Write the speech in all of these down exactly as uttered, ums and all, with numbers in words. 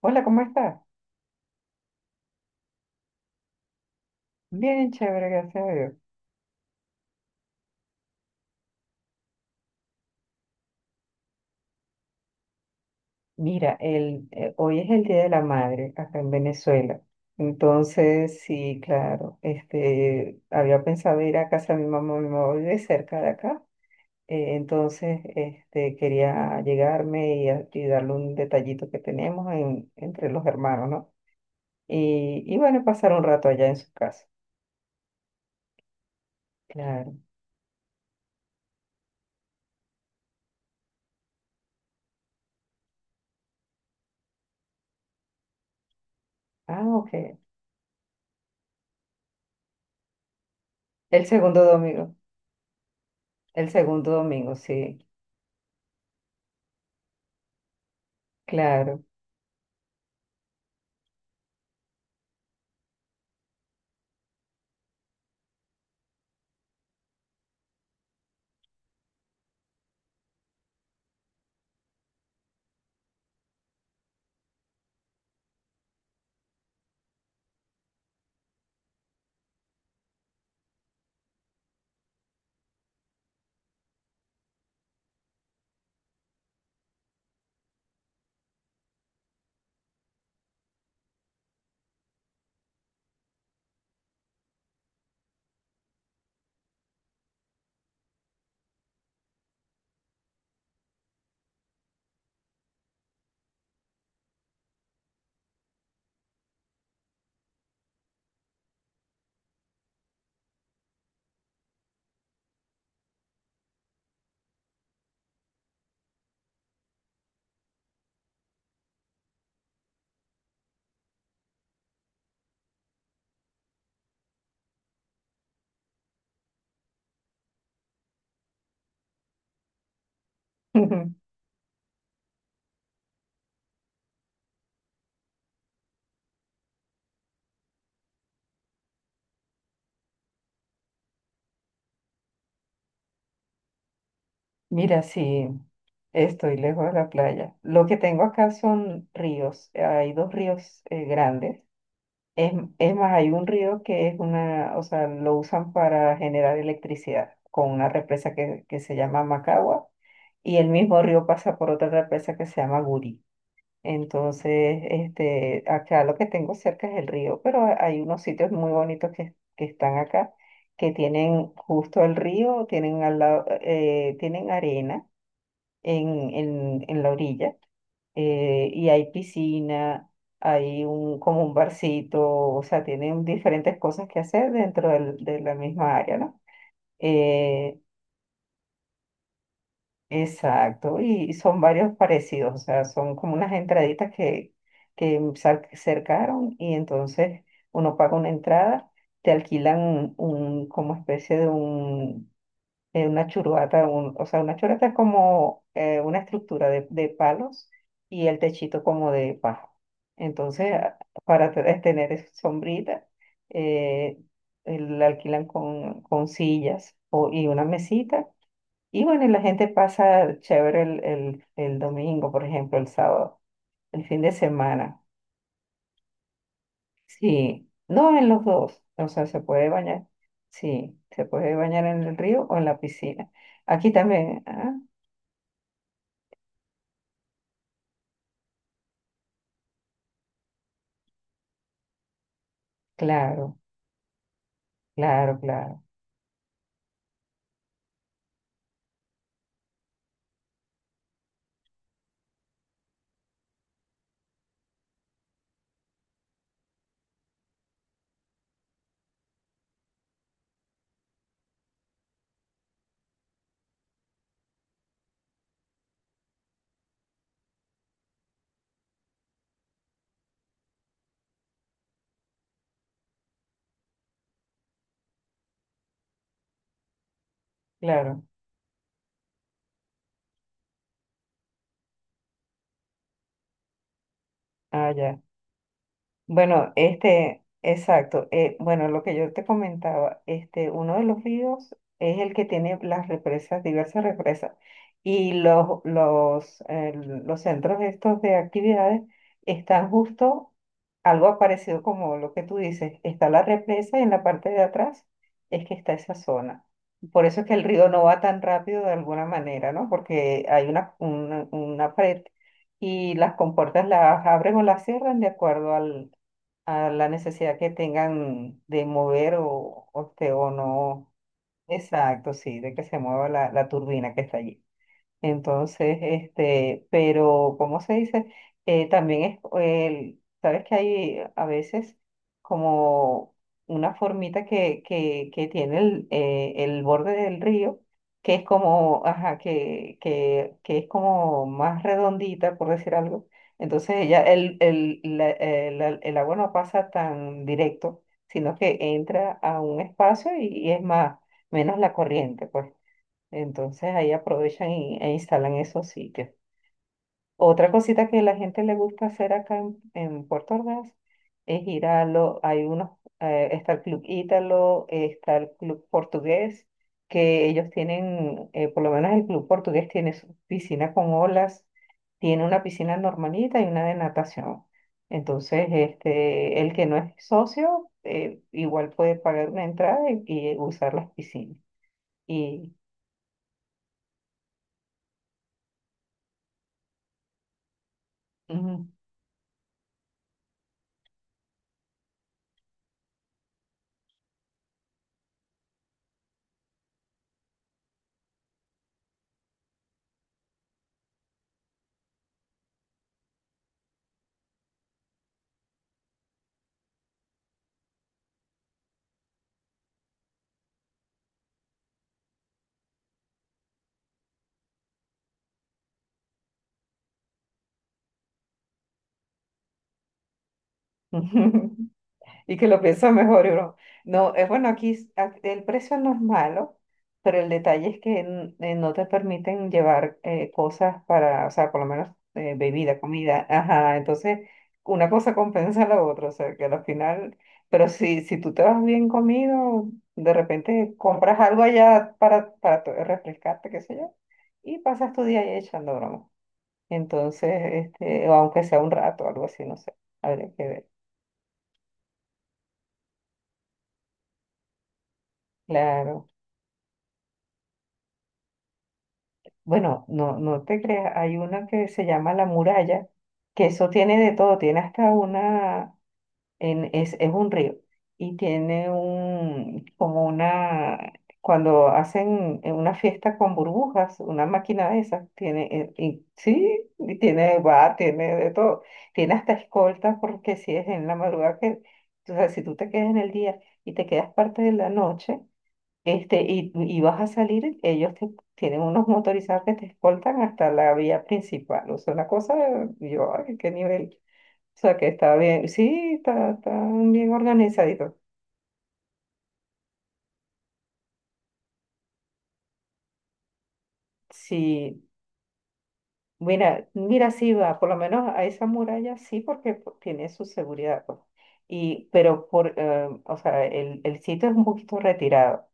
Hola, ¿cómo estás? Bien, chévere, gracias a Dios. Mira, el, eh, hoy es el Día de la Madre acá en Venezuela. Entonces, sí, claro, este, había pensado ir a casa de mi mamá, mi mamá vive cerca de acá. Eh, entonces, este, quería llegarme y, a- y darle un detallito que tenemos en- entre los hermanos, ¿no? Y, y bueno, pasar un rato allá en su casa. Claro. Ah, ok. El segundo domingo. El segundo domingo, sí, claro. Mira, sí, estoy lejos de la playa. Lo que tengo acá son ríos. eh, Hay dos ríos eh, grandes. Es, es más, hay un río que es una, o sea, lo usan para generar electricidad con una represa que, que se llama Macagua y el mismo río pasa por otra represa que se llama Guri. Entonces, este, acá lo que tengo cerca es el río, pero ha- hay unos sitios muy bonitos que, que están acá que tienen justo el río, tienen al lado, eh, tienen arena en, en, en la orilla. Eh, y hay piscina, hay un, como un barcito, o sea, tienen diferentes cosas que hacer dentro del- de la misma área, ¿no? Eh, exacto, y son varios parecidos, o sea, son como unas entraditas que, que sar- cercaron y entonces uno paga una entrada, te alquilan un, como especie de eh, una churuata, un- o sea, una churuata es como eh, una estructura de, de palos y el techito como de paja. Entonces, a- para te- tener es- sombrita, eh, eh, la alquilan con, con sillas o- y una mesita. Y bueno, y la gente pasa chévere el, el, el domingo, por ejemplo, el sábado, el fin de semana. Sí, no, en los dos, o sea, se puede bañar, sí, se puede bañar en el río o en la piscina. Aquí también, ¿ah? Claro, claro, claro, claro. Ah, ya. Bueno, este, exacto. Eh, bueno, lo que yo te comentaba, este, uno de los ríos es el que tiene las represas, diversas represas, y los, los, eh, los centros estos de actividades están justo algo parecido como lo que tú dices. Está la represa y en la parte de atrás es que está esa zona. Por eso es que el río no va tan rápido de alguna manera, ¿no? Porque hay una, una, una pared y las compuertas las abren o las cierran de acuerdo al a la necesidad que tengan de mover o, o, este, o no. Exacto, sí, de que se mueva la, la turbina que está allí. Entonces, este, pero, ¿cómo se dice? Eh, también es, el, sabes que hay a veces como una formita que, que, que tiene el, eh, el borde del río, que es como, ajá, que, que, que es como más redondita, por decir algo. Entonces, ella, el, el, la- el la- el agua no pasa tan directo, sino que entra a un espacio y, y es más, menos la corriente, pues. Entonces ahí aprovechan y- e instalan esos sitios. Otra cosita que la gente le gusta hacer acá en, en Puerto Ordaz es ir a los, hay unos, eh, está el Club Ítalo, está el Club Portugués, que ellos tienen, eh, por lo menos el Club Portugués tiene su piscina con olas, tiene una piscina normalita y una de natación. Entonces, este, el que no es socio, eh, igual puede pagar una entrada y, y usar las piscinas. Y, ujú. Y que lo piensa mejor, y uno, no, es bueno, aquí s- a- el precio no es malo, pero el detalle es que n- eh, no te permiten llevar eh, cosas para, o sea, por lo menos eh, bebida, comida, ajá, entonces una cosa compensa a la otra, o sea, que al final, pero si, si tú te vas bien comido, de repente compras algo allá para, para to- refrescarte, qué sé yo, y pasas tu día ahí echando broma. Entonces, este, o aunque sea un rato, algo así, no sé, habría que ver, claro. Bueno, no, no te creas, hay una que se llama La Muralla, que eso tiene de todo, tiene hasta una, en, es, es un río, y tiene un, como una, cuando hacen en una fiesta con burbujas, una máquina de esas, tiene, eh, y, sí, y tiene bar, tiene de todo, tiene hasta escoltas, porque si es en la madrugada que, o sea, si tú te quedas en el día y te quedas parte de la noche, este, y, y vas a salir, ellos te- tienen unos motorizados que te escoltan hasta la vía principal. O sea, una cosa, yo, ay, qué nivel. O sea, que está bien, sí, está, está bien organizadito. Sí, mira, mira, sí va, por lo menos a esa muralla sí, porque pues, tiene su seguridad, pues. Y, pero por, eh, o sea, el, el sitio es un poquito retirado.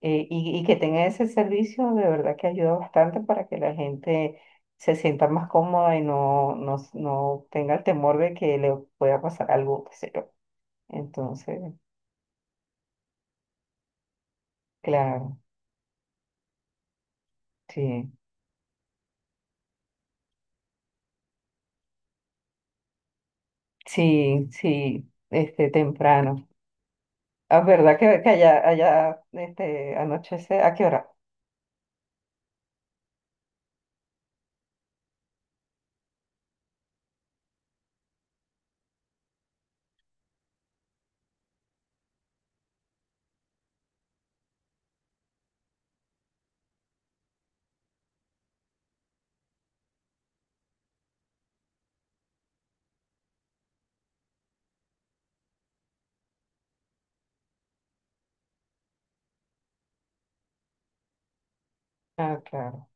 Eh, y, y que tenga ese servicio de verdad que ayuda bastante para que la gente se sienta más cómoda y no, no, s- no tenga el temor de que le pueda pasar algo, qué sé yo. Entonces, claro, sí, sí, sí, este, temprano. Es verdad que, que allá, allá, este, anochece, ¿a qué hora? Ah, claro,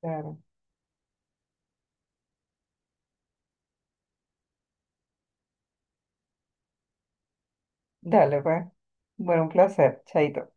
claro. Dale, pues. Bueno, un placer. Chaito.